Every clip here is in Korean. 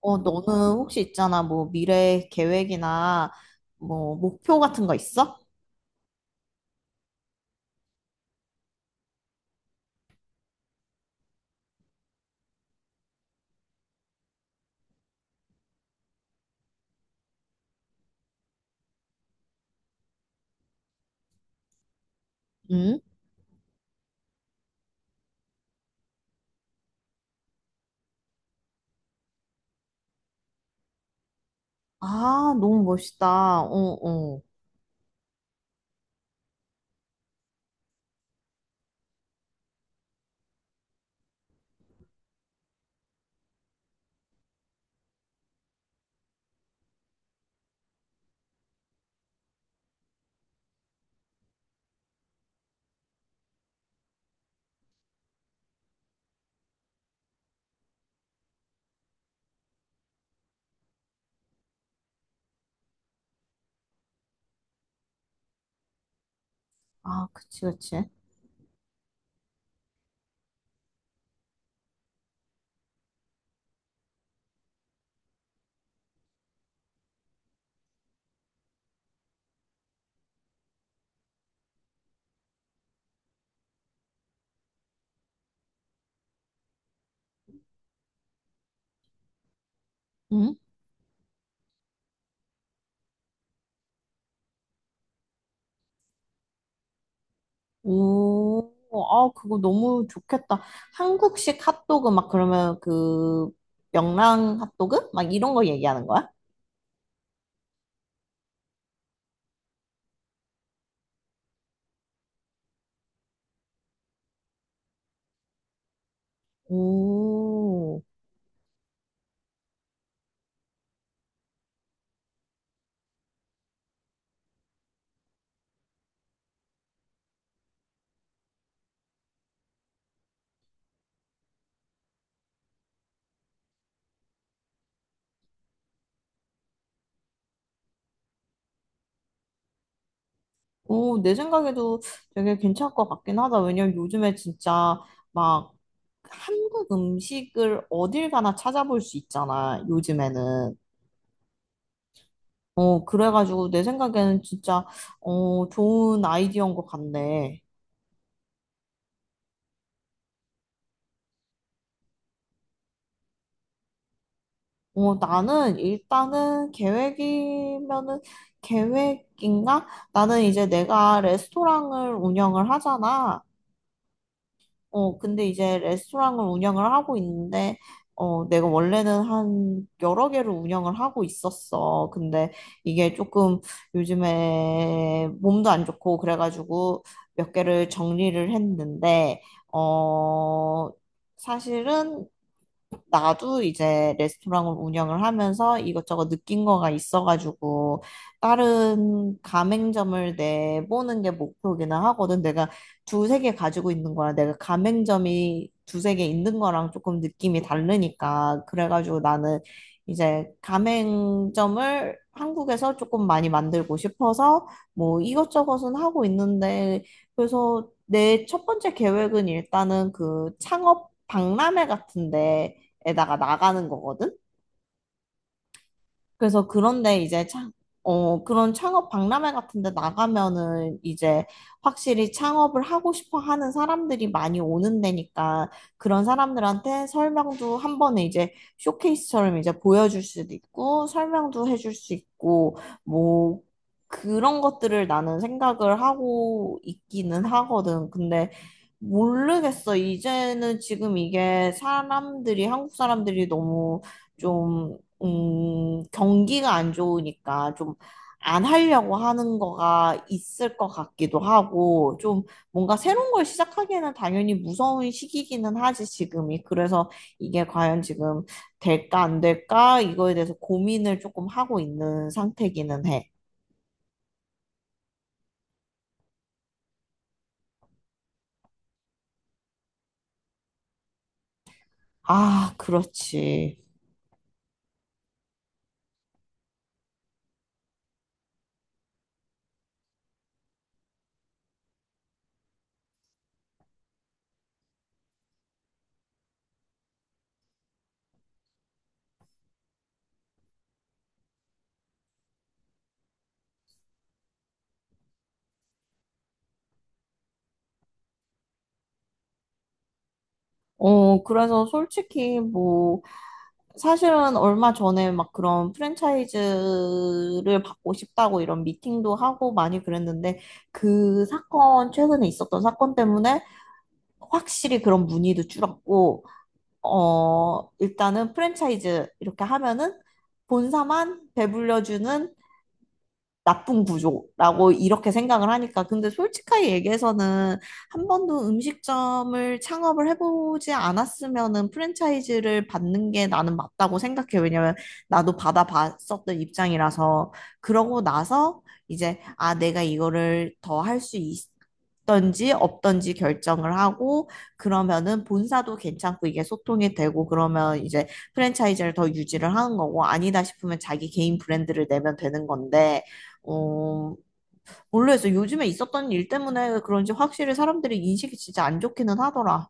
너는 혹시 있잖아, 뭐, 미래 계획이나, 뭐, 목표 같은 거 있어? 응? 아, 너무 멋있다. 어, 어. 아, 그치, 그치. 응? 오, 아, 그거 너무 좋겠다. 한국식 핫도그 막 그러면 그 명랑 핫도그? 막 이런 거 얘기하는 거야? 오, 오, 내 생각에도 되게 괜찮을 것 같긴 하다. 왜냐면 요즘에 진짜 막 한국 음식을 어딜 가나 찾아볼 수 있잖아, 요즘에는. 그래가지고 내 생각에는 진짜, 좋은 아이디어인 것 같네. 나는 일단은 계획이면은 계획인가? 나는 이제 내가 레스토랑을 운영을 하잖아. 근데 이제 레스토랑을 운영을 하고 있는데, 내가 원래는 한 여러 개를 운영을 하고 있었어. 근데 이게 조금 요즘에 몸도 안 좋고 그래가지고 몇 개를 정리를 했는데, 어, 사실은 나도 이제 레스토랑을 운영을 하면서 이것저것 느낀 거가 있어가지고 다른 가맹점을 내보는 게 목표기는 하거든. 내가 두세 개 가지고 있는 거랑 내가 가맹점이 두세 개 있는 거랑 조금 느낌이 다르니까. 그래가지고 나는 이제 가맹점을 한국에서 조금 많이 만들고 싶어서 뭐 이것저것은 하고 있는데, 그래서 내 첫 번째 계획은 일단은 그 창업 박람회 같은데 에다가 나가는 거거든. 그래서 그런데 이제 그런 창업 박람회 같은 데 나가면은 이제 확실히 창업을 하고 싶어 하는 사람들이 많이 오는 데니까 그런 사람들한테 설명도 한 번에 이제 쇼케이스처럼 이제 보여줄 수도 있고 설명도 해줄 수 있고, 뭐 그런 것들을 나는 생각을 하고 있기는 하거든. 근데 모르겠어. 이제는 지금 이게 사람들이, 한국 사람들이 너무 좀 경기가 안 좋으니까 좀 안 하려고 하는 거가 있을 것 같기도 하고, 좀 뭔가 새로운 걸 시작하기에는 당연히 무서운 시기기는 하지, 지금이. 그래서 이게 과연 지금 될까, 안 될까? 이거에 대해서 고민을 조금 하고 있는 상태기는 해. 아, 그렇지. 그래서 솔직히 뭐, 사실은 얼마 전에 막 그런 프랜차이즈를 받고 싶다고 이런 미팅도 하고 많이 그랬는데, 그 사건, 최근에 있었던 사건 때문에 확실히 그런 문의도 줄었고, 일단은 프랜차이즈 이렇게 하면은 본사만 배불려주는 나쁜 구조라고 이렇게 생각을 하니까. 근데 솔직하게 얘기해서는 한 번도 음식점을 창업을 해보지 않았으면은 프랜차이즈를 받는 게 나는 맞다고 생각해. 왜냐면 나도 받아봤었던 입장이라서. 그러고 나서 이제, 아, 내가 이거를 더 할 수 있던지 없던지 결정을 하고, 그러면은 본사도 괜찮고 이게 소통이 되고, 그러면 이제 프랜차이즈를 더 유지를 하는 거고, 아니다 싶으면 자기 개인 브랜드를 내면 되는 건데, 어, 모르겠 요즘에 있었던 일 때문에 그런지 확실히 사람들이 인식이 진짜 안 좋기는 하더라.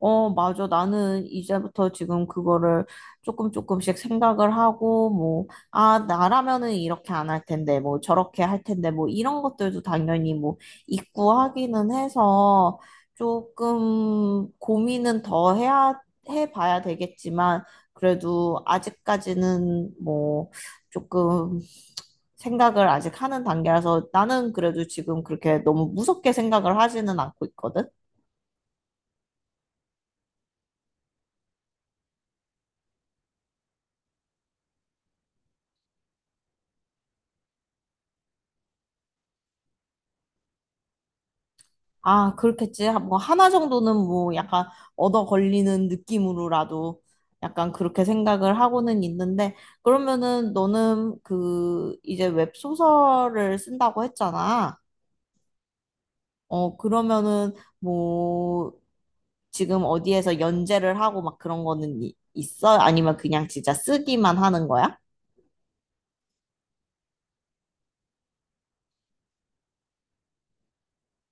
어, 맞아. 나는 이제부터 지금 그거를 조금 조금씩 생각을 하고, 뭐, 아, 나라면은 이렇게 안 할 텐데, 뭐, 저렇게 할 텐데, 뭐, 이런 것들도 당연히 뭐, 있고 하기는 해서 조금 고민은 더 해봐야 되겠지만, 그래도 아직까지는 뭐, 조금 생각을 아직 하는 단계라서 나는 그래도 지금 그렇게 너무 무섭게 생각을 하지는 않고 있거든. 아, 그렇겠지. 뭐, 하나 정도는 뭐, 약간, 얻어 걸리는 느낌으로라도, 약간 그렇게 생각을 하고는 있는데, 그러면은 너는 그, 이제 웹소설을 쓴다고 했잖아. 그러면은, 뭐, 지금 어디에서 연재를 하고 막 그런 거는 있어? 아니면 그냥 진짜 쓰기만 하는 거야?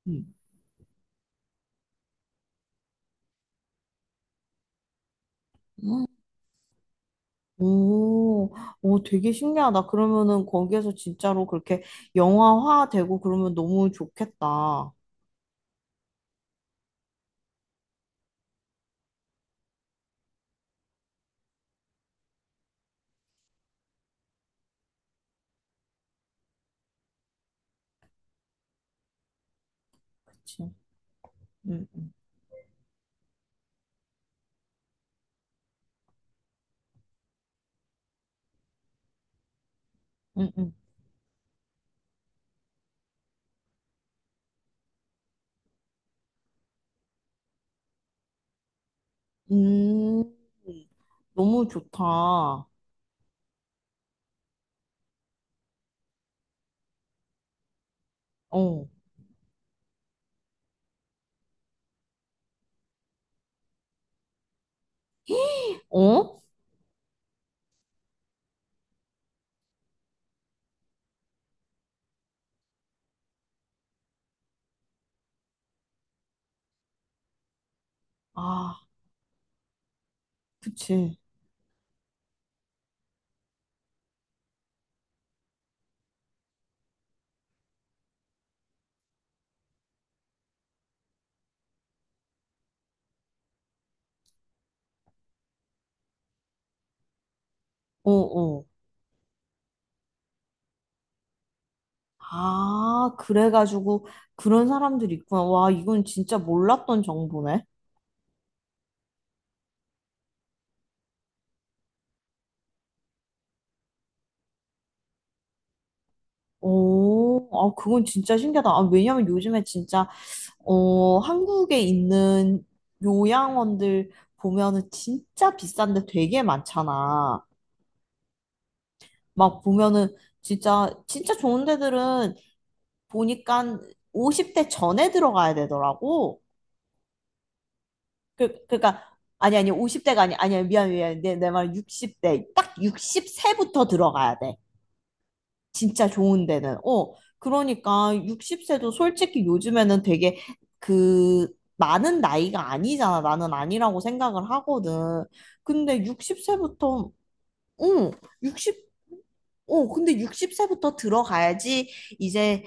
음. 오, 오, 되게 신기하다. 그러면은 거기에서 진짜로 그렇게 영화화 되고 그러면 너무 좋겠다. 그치? 응, 응, 응, 응. 음, 너무 좋다. 어, 어? 아, 그치. 어, 어. 아, 그래가지고 그런 사람들이 있구나. 와, 이건 진짜 몰랐던 정보네. 오, 아, 그건 진짜 신기하다. 아, 왜냐면 요즘에 진짜 한국에 있는 요양원들 보면은 진짜 비싼데 되게 많잖아. 막 보면은 진짜, 진짜 좋은 데들은 보니까 50대 전에 들어가야 되더라고. 그니까, 아니, 아니, 50대가 아니, 아니야, 미안, 미안. 내 말 60대. 딱6세부터 들어가야 돼. 진짜 좋은 데는. 그러니까 60세도 솔직히 요즘에는 되게 그 많은 나이가 아니잖아. 나는 아니라고 생각을 하거든. 근데 60세부터, 응, 60, 근데 60세부터 들어가야지 이제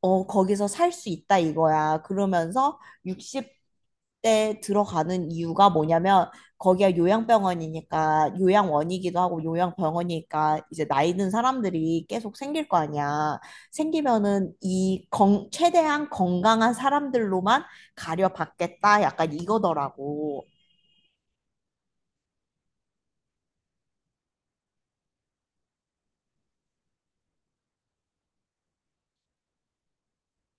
거기서 살 수 있다 이거야. 그러면서 60대 들어가는 이유가 뭐냐면 거기가 요양병원이니까 요양원이기도 하고 요양병원이니까 이제 나이 든 사람들이 계속 생길 거 아니야. 생기면은 이 건, 최대한 건강한 사람들로만 가려받겠다. 약간 이거더라고.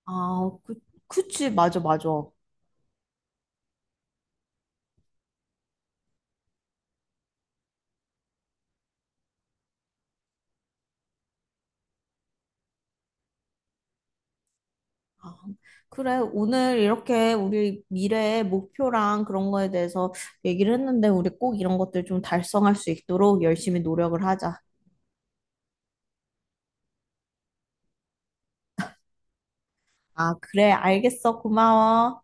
아, 그치. 맞아, 맞아. 아, 그래, 오늘 이렇게 우리 미래의 목표랑 그런 거에 대해서 얘기를 했는데, 우리 꼭 이런 것들 좀 달성할 수 있도록 열심히 노력을 하자. 아, 그래, 알겠어. 고마워.